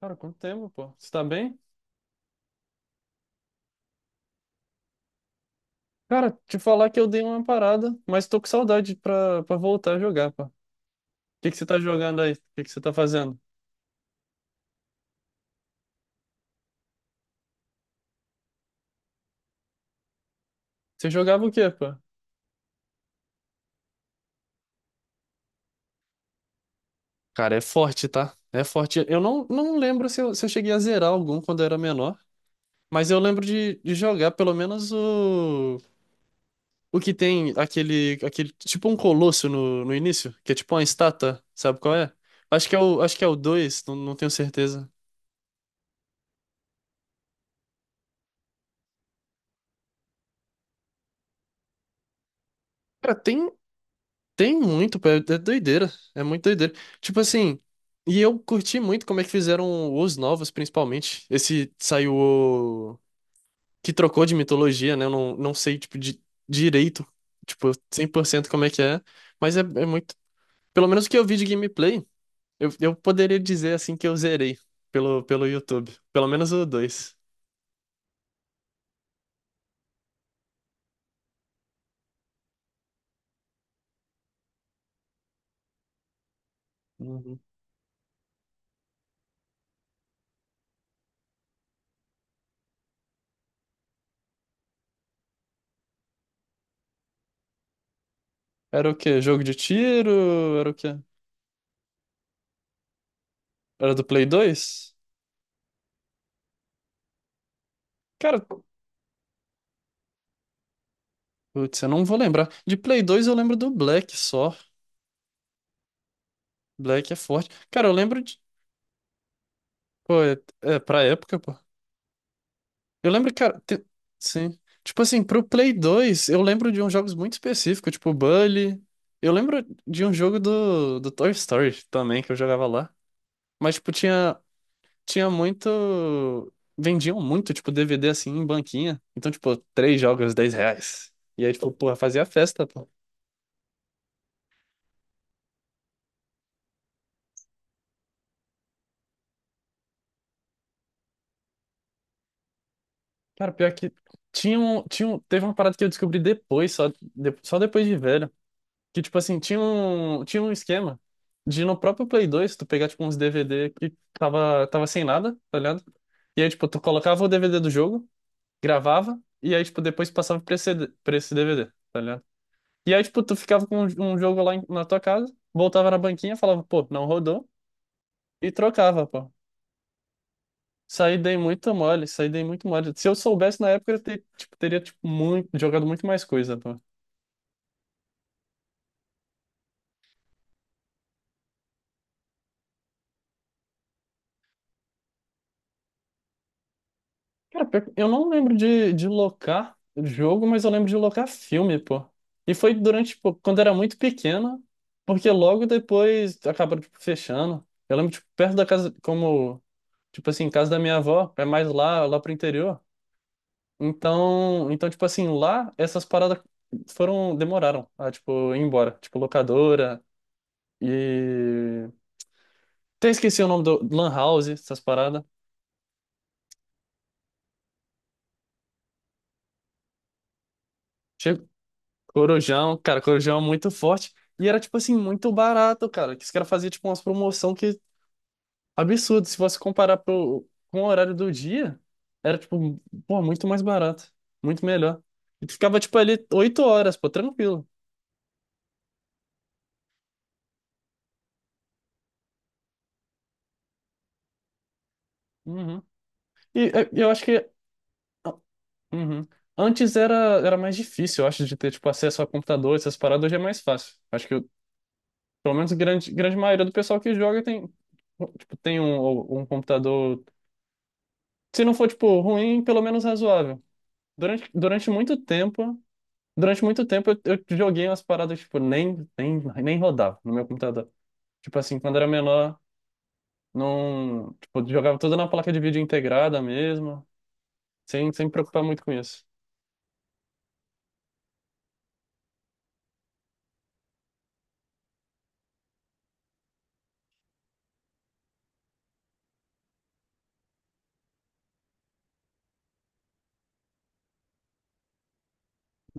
Cara, quanto tempo, pô? Você tá bem? Cara, te falar que eu dei uma parada, mas tô com saudade pra voltar a jogar, pô. O que que você tá jogando aí? O que que você tá fazendo? Você jogava o quê, pô? Cara, é forte, tá? É forte. Eu não lembro se eu cheguei a zerar algum quando eu era menor, mas eu lembro de jogar pelo menos o que tem aquele, aquele, tipo um colosso no início, que é tipo uma estátua, sabe qual é? Acho que é o, acho que é o dois, não tenho certeza. Cara, tem. Tem muito, pô, é doideira. É muito doideira. Tipo assim, e eu curti muito como é que fizeram os novos, principalmente. Esse saiu o... que trocou de mitologia, né? Eu não sei, tipo, de, direito, tipo, 100% como é que é. Mas é muito. Pelo menos o que eu vi de gameplay, eu poderia dizer assim que eu zerei pelo YouTube. Pelo menos o 2. Era o quê? Jogo de tiro? Era o quê? Era do Play dois. Cara. Putz, eu não vou lembrar. De Play 2 eu lembro do Black só. Black é forte. Cara, eu lembro de. Pô, é, é pra época, pô. Eu lembro, cara. Sim. Tipo assim, pro Play 2, eu lembro de uns jogos muito específicos, tipo Bully. Eu lembro de um jogo do Toy Story também, que eu jogava lá. Mas, tipo, tinha muito. Vendiam muito, tipo, DVD assim em banquinha. Então, tipo, três jogos, 10 reais. E aí, tipo, porra, fazia festa, pô. Cara, pior que teve uma parada que eu descobri depois, só, só depois de velho, que tipo assim, tinha um esquema de no próprio Play 2 tu pegar tipo uns DVD que tava sem nada, tá ligado? E aí tipo tu colocava o DVD do jogo, gravava e aí tipo depois passava pra esse DVD, tá ligado? E aí tipo tu ficava com um jogo lá na tua casa, voltava na banquinha, falava, pô, não rodou e trocava, pô. Isso aí dei muita mole, isso aí dei muito mole. Se eu soubesse na época, tipo, teria tipo, muito, jogado muito mais coisa, pô. Cara, pior que eu não lembro de locar jogo, mas eu lembro de locar filme, pô. E foi durante, tipo, quando era muito pequeno, porque logo depois acabaram, tipo, fechando. Eu lembro, tipo, perto da casa, como, tipo assim, casa da minha avó, é mais lá, lá pro interior. Então, tipo assim, lá essas paradas foram, demoraram a, tipo, ir embora. Tipo, locadora e. Até esqueci o nome do Lan House, essas paradas. Che- Corujão, cara, Corujão é muito forte. E era, tipo assim, muito barato, cara. Que os caras faziam, tipo, umas promoção que absurdo. Se você comparar pro... com o horário do dia, era, tipo, pô, muito mais barato. Muito melhor. E tu ficava, tipo, ali 8 horas, pô, tranquilo. Uhum. E é, eu acho que. ah, Uhum. Antes era mais difícil, eu acho, de ter, tipo, acesso a computador, essas paradas, hoje é mais fácil. Acho que pelo menos grande, grande maioria do pessoal que joga tem, tipo, tem um computador, se não for, tipo, ruim, pelo menos razoável. Durante, durante muito tempo, durante muito tempo eu joguei umas paradas, tipo, nem rodava no meu computador. Tipo assim, quando era menor, não, tipo, jogava tudo na placa de vídeo integrada mesmo, sem me preocupar muito com isso.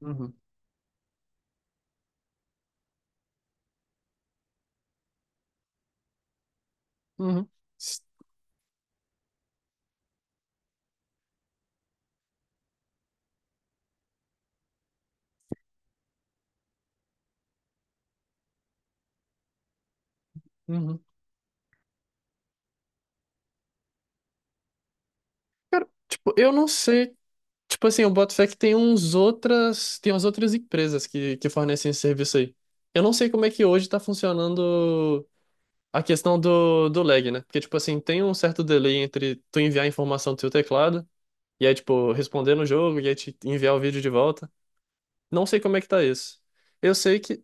Uhum. Uhum. s- Uhum. Cara, tipo, eu não sei. Tipo assim, o Botfec tem umas outras empresas que fornecem esse serviço aí. Eu não sei como é que hoje tá funcionando a questão do lag, né? Porque, tipo assim, tem um certo delay entre tu enviar a informação do teu teclado e aí, tipo, responder no jogo e aí te enviar o vídeo de volta. Não sei como é que tá isso. Eu sei que...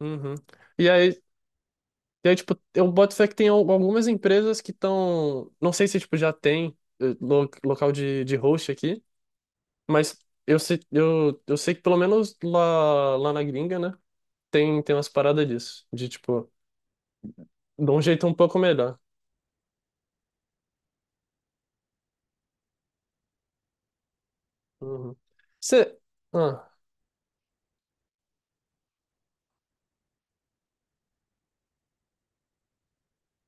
Uhum. E aí, e aí tipo, o Botfec tem algumas empresas que estão... Não sei se, tipo, já tem local de host aqui, mas eu sei, eu sei que pelo menos lá, lá na gringa, né? Tem umas paradas disso. De tipo, de um jeito um pouco melhor. Uhum. Você. Ah,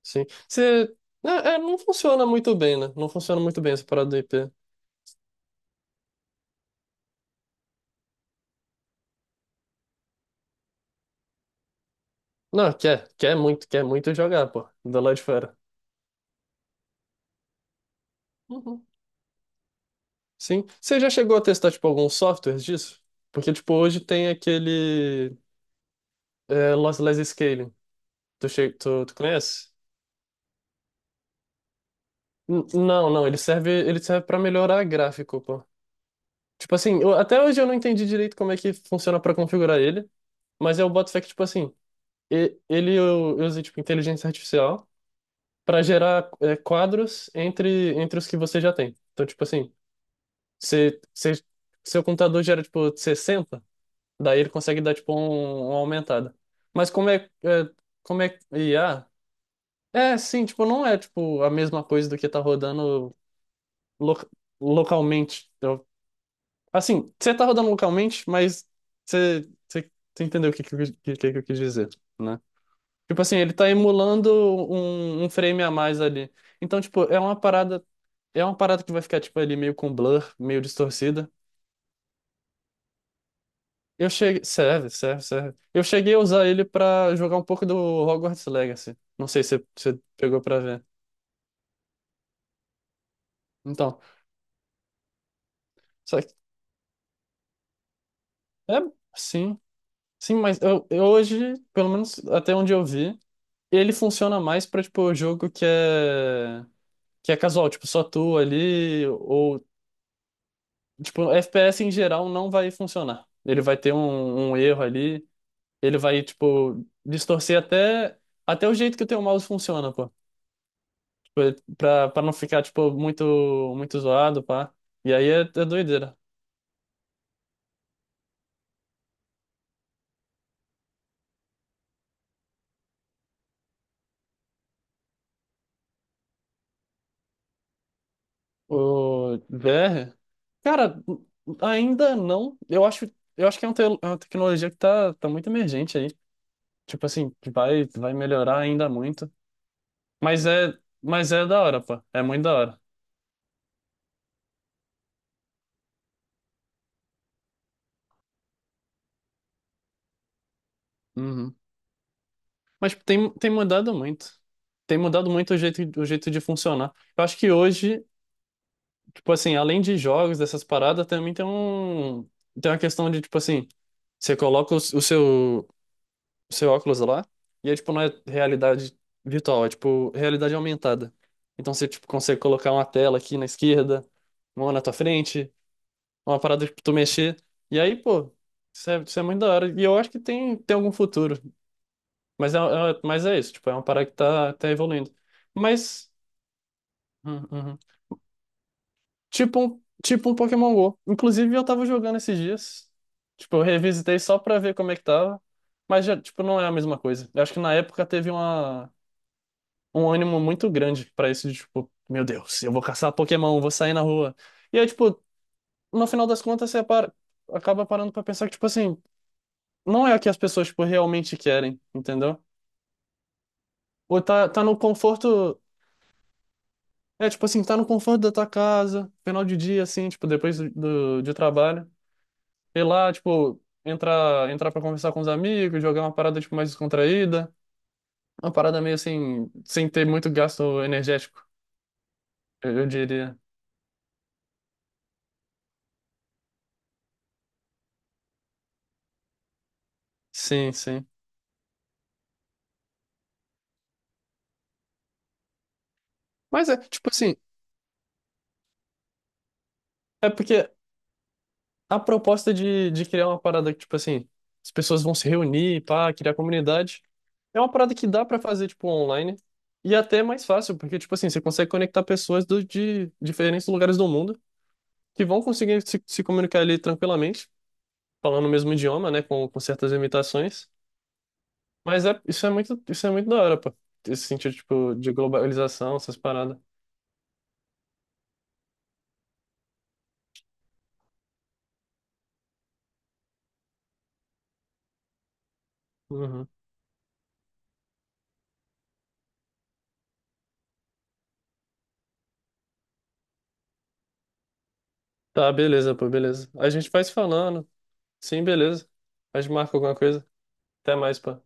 sim. Você. Não funciona muito bem, né? Não funciona muito bem essa parada do IP. Não, quer muito jogar, pô. Do lado de fora. Uhum. Sim. Você já chegou a testar, tipo, alguns softwares disso? Porque, tipo, hoje tem aquele. É, Lossless Scaling. Tu conhece? Não, não, ele serve para melhorar gráfico, pô. Tipo assim, até hoje eu não entendi direito como é que funciona para configurar ele, mas eu boto fé que, tipo assim, e- ele eu usei, tipo, inteligência artificial para gerar quadros entre os que você já tem. Então, tipo assim, se, seu computador gera, tipo, 60, daí ele consegue dar, tipo, uma aumentada. Mas como é IA, é, sim, tipo, não é, tipo, a mesma coisa do que tá rodando lo- localmente. Assim, você tá rodando localmente, mas você entendeu que eu quis dizer, né? Tipo assim, ele tá emulando um frame a mais ali. Então, tipo, é uma parada que vai ficar, tipo, ali meio com blur, meio distorcida. Eu cheguei. Serve, serve, serve. Eu cheguei a usar ele pra jogar um pouco do Hogwarts Legacy. Não sei se você pegou pra ver. Então, só que. É, sim. Sim, mas eu hoje, pelo menos até onde eu vi, ele funciona mais pra, tipo, jogo que é. Que é casual, tipo, só tu ali, ou, tipo, FPS em geral não vai funcionar. Ele vai ter um erro ali, ele vai, tipo, distorcer até o jeito que o teu mouse funciona, pô. Tipo, pra não ficar, tipo, muito, muito zoado, pá. E aí é doideira. O VR, cara, ainda não. Eu acho que é é uma tecnologia que tá muito emergente aí. Tipo assim, que vai melhorar ainda muito. Mas é, mas é da hora, pô. É muito da hora. Uhum. Mas tem mudado muito. Tem mudado muito o jeito de funcionar. Eu acho que hoje, tipo assim, além de jogos, dessas paradas, também tem um, tem uma questão de, tipo assim, você coloca o seu, o seu óculos lá, e aí, tipo, não é realidade virtual, é, tipo, realidade aumentada. Então você, tipo, consegue colocar uma tela aqui na esquerda, uma na tua frente, uma parada pra tu mexer. E aí, pô, isso é muito da hora. E eu acho que tem algum futuro. Mas mas é isso, tipo, é uma parada que tá evoluindo. Mas, uhum, uhum. Tipo um Pokémon Go. Inclusive, eu tava jogando esses dias. Tipo, eu revisitei só pra ver como é que tava. Mas, já, tipo, não é a mesma coisa. Eu acho que na época teve um ânimo muito grande pra isso, de tipo, meu Deus, eu vou caçar Pokémon, vou sair na rua. E aí, tipo, no final das contas, você para, acaba parando pra pensar que, tipo assim, não é o que as pessoas, tipo, realmente querem, entendeu? Ou tá no conforto. É, tipo assim, tá no conforto da tua casa, final de dia, assim, tipo, de trabalho. Ir lá, tipo, entrar pra conversar com os amigos, jogar uma parada, tipo, mais descontraída. Uma parada meio assim, sem ter muito gasto energético, eu diria. Sim, sim. Mas é, tipo assim, é porque a proposta de criar uma parada que, tipo assim, as pessoas vão se reunir, pá, criar comunidade, é uma parada que dá pra fazer, tipo, online. E até é mais fácil, porque, tipo assim, você consegue conectar de diferentes lugares do mundo. Que vão conseguir se comunicar ali tranquilamente, falando o mesmo idioma, né, com certas limitações. Mas é, isso é muito da hora, pô. Esse sentido, tipo, de globalização, essas paradas. Uhum. Tá, beleza, pô, beleza. A gente vai se falando. Sim, beleza. A gente marca alguma coisa. Até mais, pô.